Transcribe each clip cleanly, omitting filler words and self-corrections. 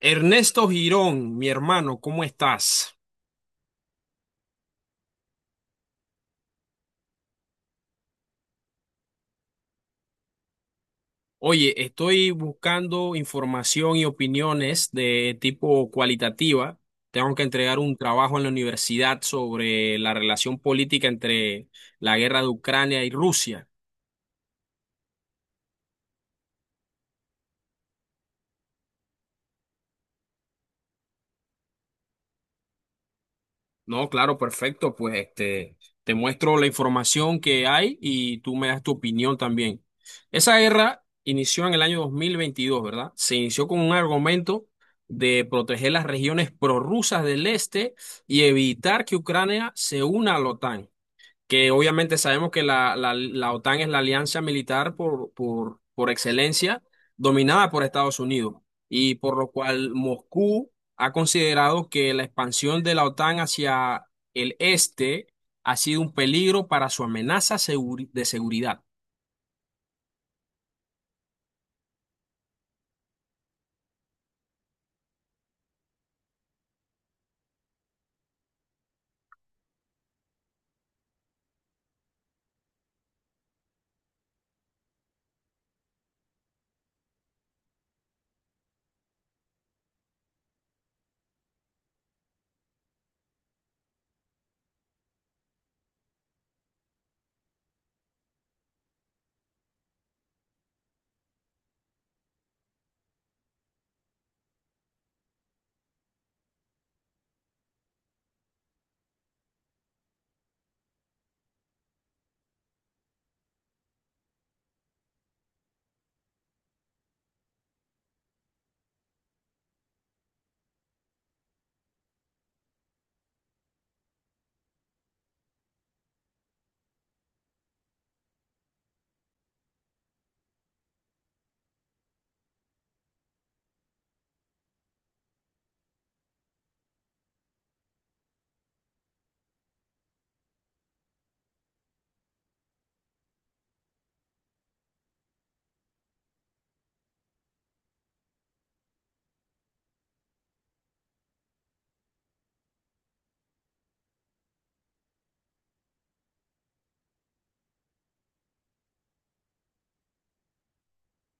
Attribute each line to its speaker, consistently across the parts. Speaker 1: Ernesto Girón, mi hermano, ¿cómo estás? Oye, estoy buscando información y opiniones de tipo cualitativa. Tengo que entregar un trabajo en la universidad sobre la relación política entre la guerra de Ucrania y Rusia. No, claro, perfecto. Pues te muestro la información que hay y tú me das tu opinión también. Esa guerra inició en el año 2022, ¿verdad? Se inició con un argumento de proteger las regiones prorrusas del este y evitar que Ucrania se una a la OTAN, que obviamente sabemos que la OTAN es la alianza militar por excelencia, dominada por Estados Unidos, y por lo cual Moscú ha considerado que la expansión de la OTAN hacia el este ha sido un peligro para su de seguridad.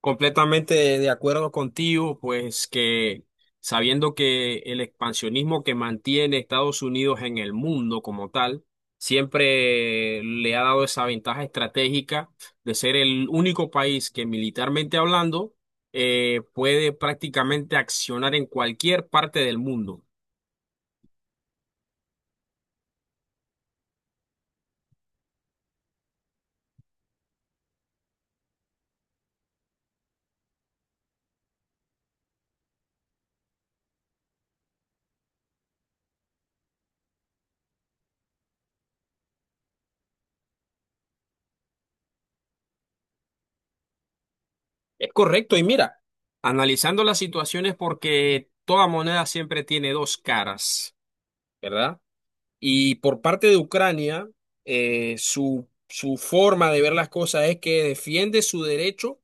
Speaker 1: Completamente de acuerdo contigo, pues que sabiendo que el expansionismo que mantiene Estados Unidos en el mundo como tal, siempre le ha dado esa ventaja estratégica de ser el único país que, militarmente hablando, puede prácticamente accionar en cualquier parte del mundo. Es correcto, y mira, analizando las situaciones porque toda moneda siempre tiene dos caras, ¿verdad? Y por parte de Ucrania, su forma de ver las cosas es que defiende su derecho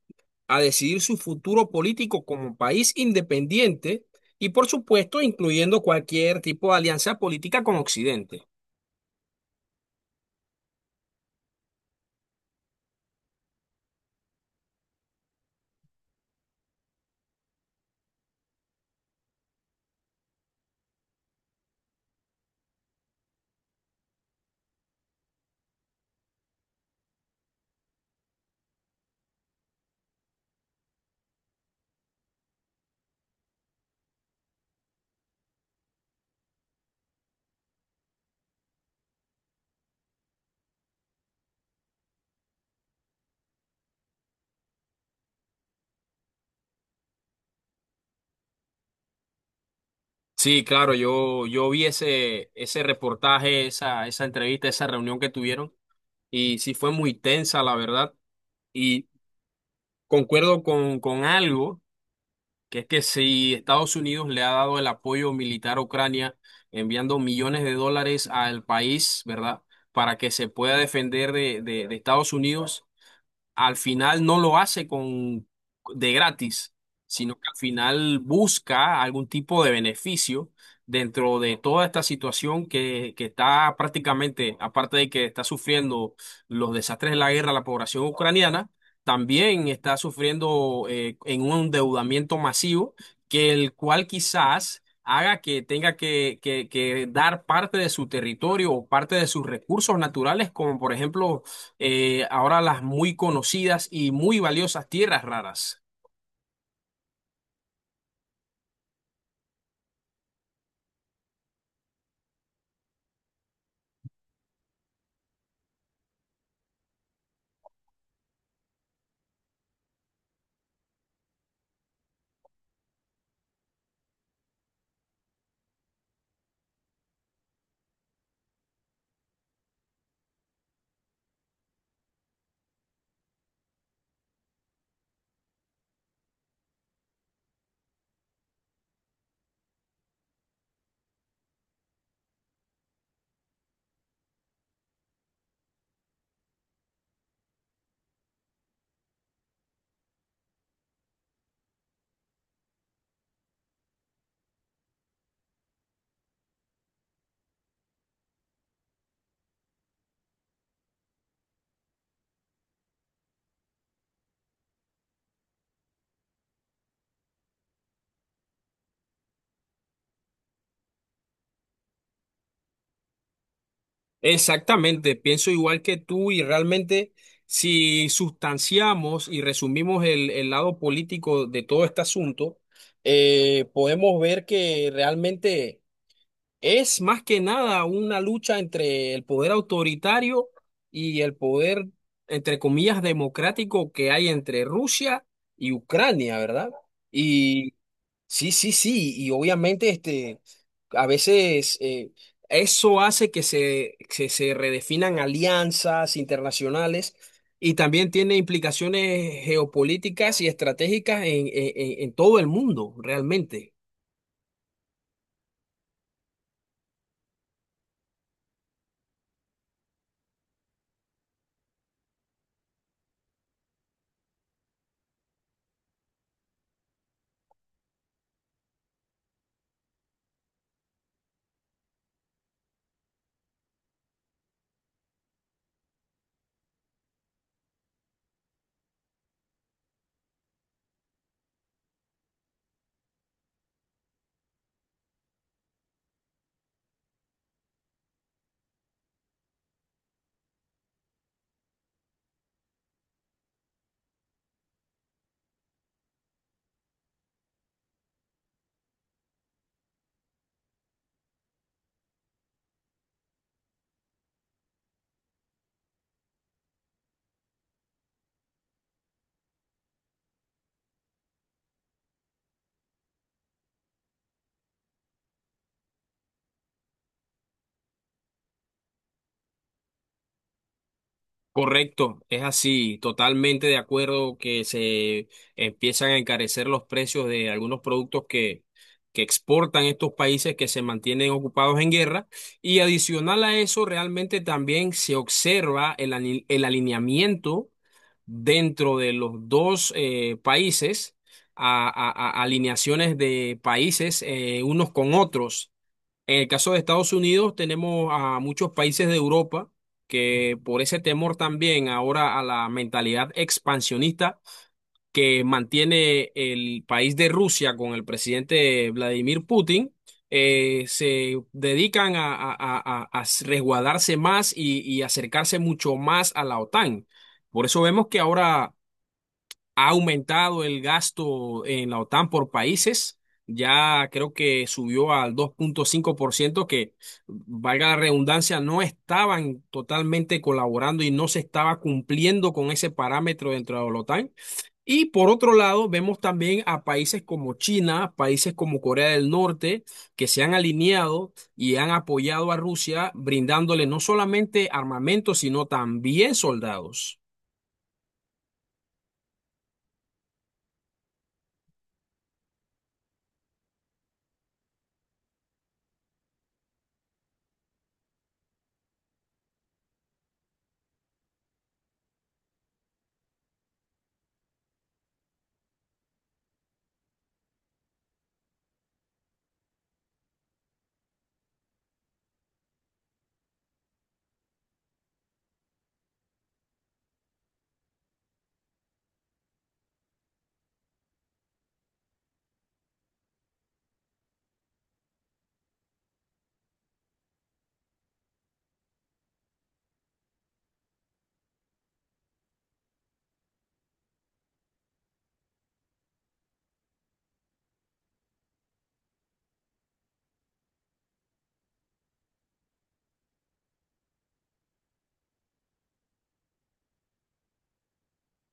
Speaker 1: a decidir su futuro político como país independiente y, por supuesto, incluyendo cualquier tipo de alianza política con Occidente. Sí, claro, yo vi ese reportaje, esa entrevista, esa reunión que tuvieron, y sí fue muy tensa, la verdad. Y concuerdo con algo, que es que si Estados Unidos le ha dado el apoyo militar a Ucrania, enviando millones de dólares al país, ¿verdad? Para que se pueda defender de Estados Unidos, al final no lo hace con de gratis, sino que al final busca algún tipo de beneficio dentro de toda esta situación que está prácticamente, aparte de que está sufriendo los desastres de la guerra la población ucraniana, también está sufriendo en un endeudamiento masivo, que el cual quizás haga que tenga que dar parte de su territorio o parte de sus recursos naturales, como por ejemplo, ahora, las muy conocidas y muy valiosas tierras raras. Exactamente, pienso igual que tú, y realmente si sustanciamos y resumimos el lado político de todo este asunto, podemos ver que realmente es más que nada una lucha entre el poder autoritario y el poder, entre comillas, democrático, que hay entre Rusia y Ucrania, ¿verdad? Sí, sí, sí, y obviamente a veces eso hace que que se redefinan alianzas internacionales, y también tiene implicaciones geopolíticas y estratégicas en, en todo el mundo, realmente. Correcto, es así, totalmente de acuerdo que se empiezan a encarecer los precios de algunos productos que exportan estos países que se mantienen ocupados en guerra, y adicional a eso realmente también se observa el, el alineamiento dentro de los dos países, alineaciones de países unos con otros. En el caso de Estados Unidos, tenemos a muchos países de Europa que, por ese temor también ahora a la mentalidad expansionista que mantiene el país de Rusia con el presidente Vladimir Putin, se dedican a resguardarse más y acercarse mucho más a la OTAN. Por eso vemos que ahora ha aumentado el gasto en la OTAN por países. Ya creo que subió al 2,5%. Que, valga la redundancia, no estaban totalmente colaborando y no se estaba cumpliendo con ese parámetro dentro de la OTAN. Y por otro lado, vemos también a países como China, países como Corea del Norte, que se han alineado y han apoyado a Rusia, brindándole no solamente armamento, sino también soldados.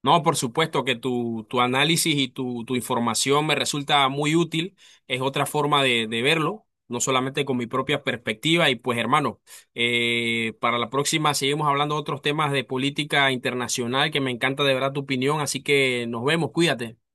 Speaker 1: No, por supuesto que tu análisis y tu información me resulta muy útil. Es otra forma de verlo, no solamente con mi propia perspectiva. Y pues, hermano, para la próxima seguimos hablando de otros temas de política internacional, que me encanta de verdad tu opinión. Así que nos vemos, cuídate.